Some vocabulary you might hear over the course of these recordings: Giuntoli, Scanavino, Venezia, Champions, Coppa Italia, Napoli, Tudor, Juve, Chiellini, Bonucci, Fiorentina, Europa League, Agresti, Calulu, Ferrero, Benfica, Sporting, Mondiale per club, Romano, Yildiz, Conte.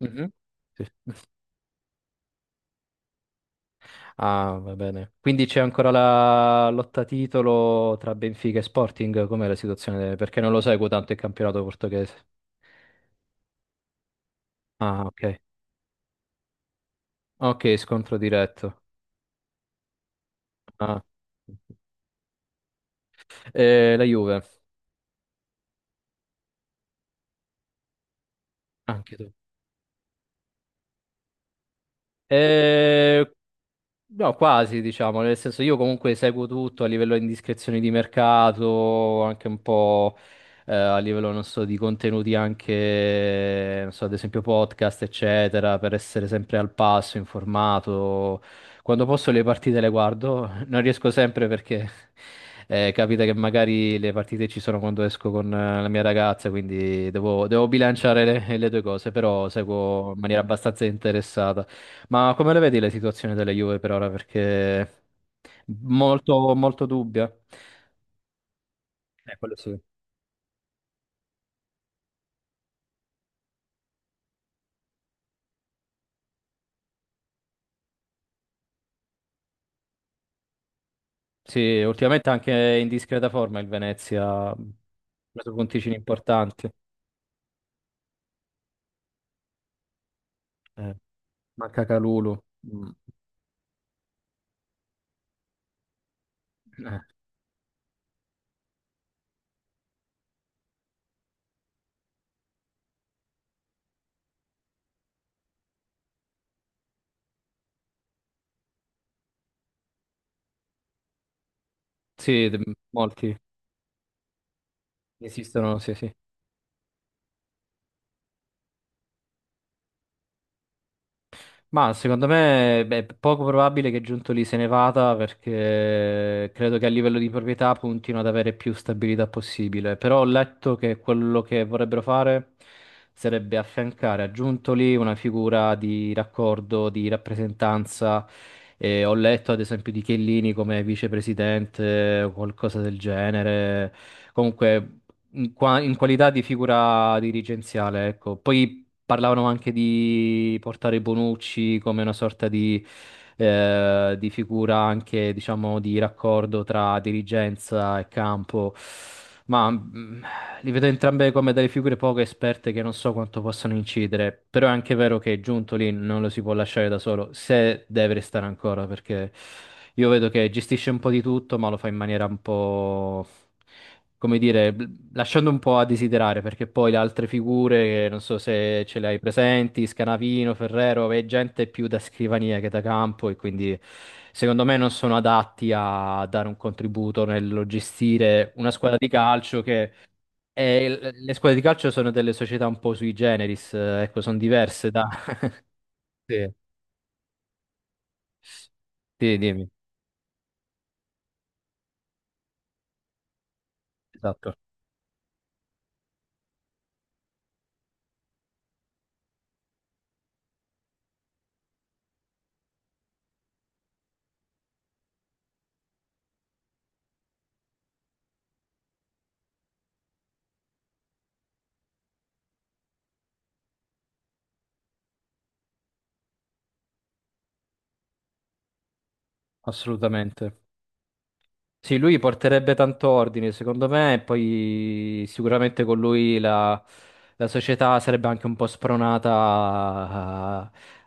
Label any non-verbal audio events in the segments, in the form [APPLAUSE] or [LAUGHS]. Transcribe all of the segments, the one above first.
Mhm. Sì, sì. Ah, va bene. Quindi c'è ancora la lotta titolo tra Benfica e Sporting? Com'è la situazione? Perché non lo seguo tanto il campionato portoghese. Ah, ok. Ok, scontro diretto. Ah. La Juve, anche tu. Eh, No, quasi, diciamo, nel senso io comunque seguo tutto a livello di indiscrezioni di mercato, anche un po' a livello, non so, di contenuti anche, non so, ad esempio podcast, eccetera, per essere sempre al passo, informato. Quando posso le partite le guardo, [LAUGHS] non riesco sempre perché capita che magari le partite ci sono quando esco con la mia ragazza, quindi devo bilanciare le due cose, però seguo in maniera abbastanza interessata. Ma come le vedi le situazioni della Juve per ora? Perché molto dubbia. Quello sì. Sì, ultimamente anche in discreta forma il Venezia ha preso punticini importanti. Eh, manca Calulu. Mm. Eh, sì, de- Molti esistono, sì, sì. Ma secondo me beh, è poco probabile che Giuntoli se ne vada perché credo che a livello di proprietà puntino ad avere più stabilità possibile. Però ho letto che quello che vorrebbero fare sarebbe affiancare a Giuntoli una figura di raccordo, di rappresentanza. E ho letto ad esempio di Chiellini come vicepresidente o qualcosa del genere. Comunque in qualità di figura dirigenziale, ecco. Poi parlavano anche di portare Bonucci come una sorta di figura anche, diciamo, di raccordo tra dirigenza e campo. Ma li vedo entrambe come delle figure poco esperte che non so quanto possano incidere. Però è anche vero che Giuntoli non lo si può lasciare da solo, se deve restare ancora, perché io vedo che gestisce un po' di tutto, ma lo fa in maniera un po' come dire, bl- lasciando un po' a desiderare, perché poi le altre figure, non so se ce le hai presenti, Scanavino, Ferrero, è gente più da scrivania che da campo e quindi secondo me non sono adatti a dare un contributo nel gestire una squadra di calcio che... e le squadre di calcio sono delle società un po' sui generis, ecco, sono diverse da... [LAUGHS] Sì. Sì, dimmi, esatto, assolutamente. Sì, lui porterebbe tanto ordine, secondo me, e poi sicuramente con lui la, la società sarebbe anche un po' spronata a,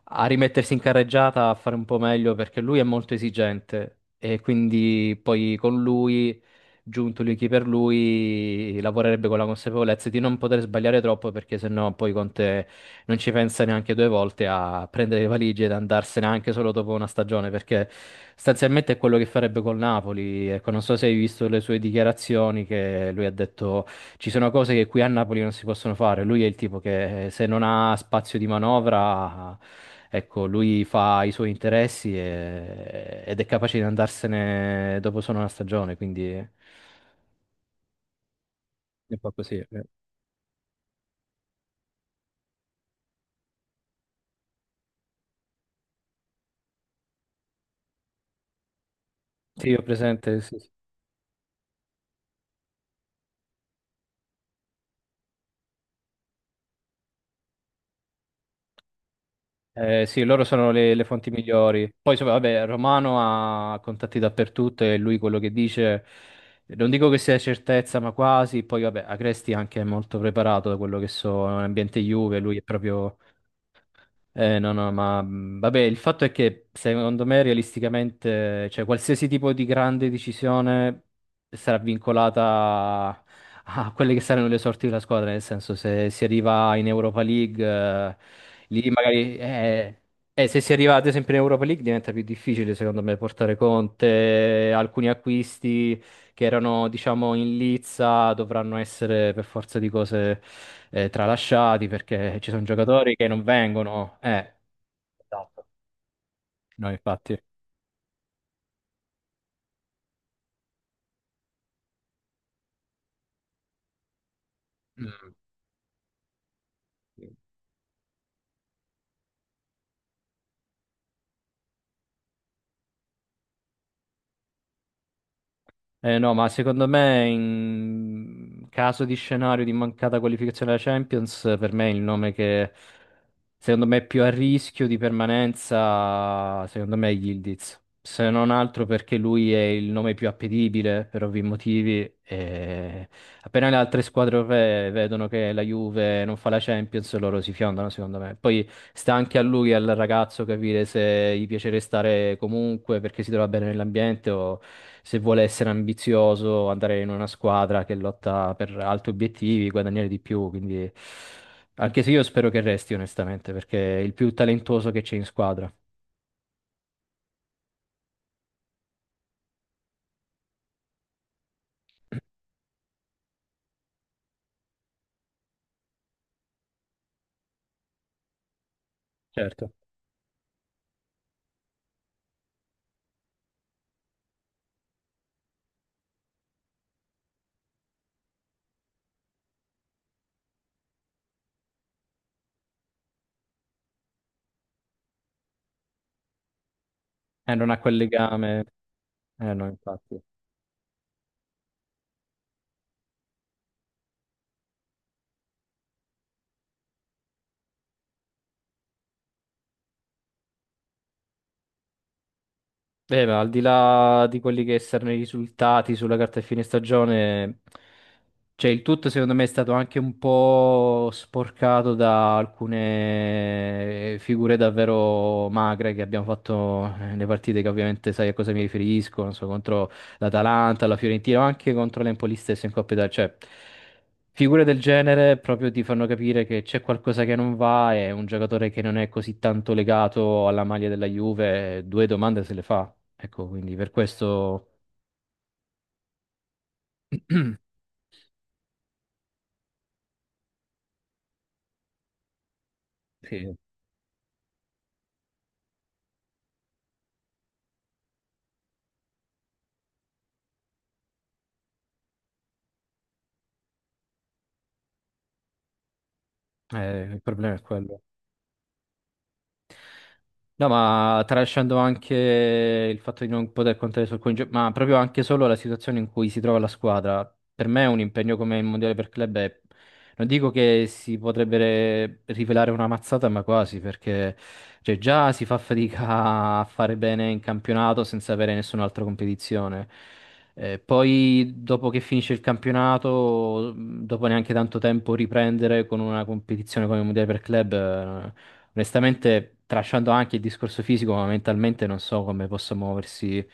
a rimettersi in carreggiata, a fare un po' meglio, perché lui è molto esigente e quindi poi con lui, giunto lui chi per lui, lavorerebbe con la consapevolezza di non poter sbagliare troppo, perché sennò poi Conte non ci pensa neanche due volte a prendere le valigie ed andarsene anche solo dopo una stagione, perché sostanzialmente è quello che farebbe col Napoli. Ecco, non so se hai visto le sue dichiarazioni che lui ha detto ci sono cose che qui a Napoli non si possono fare. Lui è il tipo che se non ha spazio di manovra, ecco, lui fa i suoi interessi ed è capace di andarsene dopo solo una stagione, quindi è un po' così. Sì, ho presente, sì, sì. Sì, loro sono le fonti migliori. Poi, vabbè, Romano ha contatti dappertutto e lui quello che dice, non dico che sia certezza, ma quasi. Poi, vabbè, Agresti anche è molto preparato da quello che so, è un ambiente Juve, lui è proprio no, no, ma vabbè, il fatto è che secondo me realisticamente, cioè qualsiasi tipo di grande decisione sarà vincolata a, a quelle che saranno le sorti della squadra, nel senso se si arriva in Europa League, lì magari... se si arriva ad esempio in Europa League diventa più difficile secondo me portare Conte, alcuni acquisti che erano, diciamo, in lizza, dovranno essere per forza di cose tralasciati perché ci sono giocatori che non vengono. Esatto. No, infatti. Mm. No, ma secondo me in caso di scenario di mancata qualificazione alla Champions, per me il nome che secondo me è più a rischio di permanenza, secondo me è Yildiz. Se non altro perché lui è il nome più appetibile per ovvi motivi. E appena le altre squadre europee vedono che la Juve non fa la Champions, loro si fiondano, secondo me. Poi sta anche a lui, al ragazzo, capire se gli piace restare comunque perché si trova bene nell'ambiente o se vuole essere ambizioso, andare in una squadra che lotta per altri obiettivi, guadagnare di più. Quindi. Anche se io spero che resti, onestamente, perché è il più talentuoso che c'è in squadra. Certo. Non ha quel legame. No, infatti. Beh, ma al di là di quelli che saranno i risultati sulla carta di fine stagione, cioè il tutto secondo me è stato anche un po' sporcato da alcune figure davvero magre che abbiamo fatto nelle partite che ovviamente sai a cosa mi riferisco, non so, contro l'Atalanta, la Fiorentina, ma anche contro l'Empoli stesso in Coppa Italia, cioè figure del genere proprio ti fanno capire che c'è qualcosa che non va e un giocatore che non è così tanto legato alla maglia della Juve, due domande se le fa. Ecco, quindi per questo sì, il problema è quello. No, ma tralasciando anche il fatto di non poter contare sul ma proprio anche solo la situazione in cui si trova la squadra. Per me un impegno come il Mondiale per club è... Non dico che si potrebbe rivelare una mazzata, ma quasi, perché cioè, già si fa fatica a fare bene in campionato senza avere nessun'altra competizione. Poi, dopo che finisce il campionato, dopo neanche tanto tempo, riprendere con una competizione come il Mondiale per club, onestamente, tralasciando anche il discorso fisico, ma mentalmente non so come possa muoversi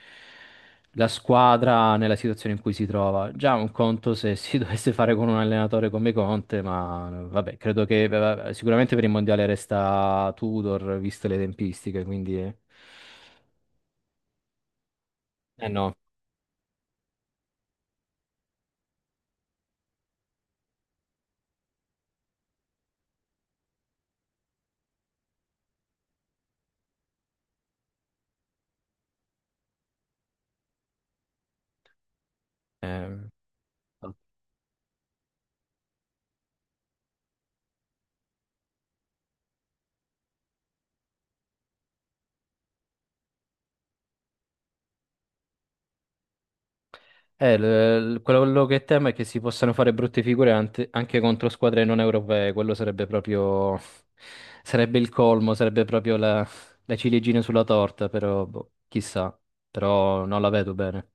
la squadra nella situazione in cui si trova. Già un conto se si [LAUGHS] dovesse fare con un allenatore come Conte, ma vabbè, credo che vabbè, sicuramente per il Mondiale resta Tudor, viste le tempistiche, quindi... Eh, eh no. Eh, quello che temo è che si possano fare brutte figure anche contro squadre non europee, quello sarebbe proprio, sarebbe il colmo, sarebbe proprio la, la ciliegina sulla torta, però boh, chissà, però non la vedo bene.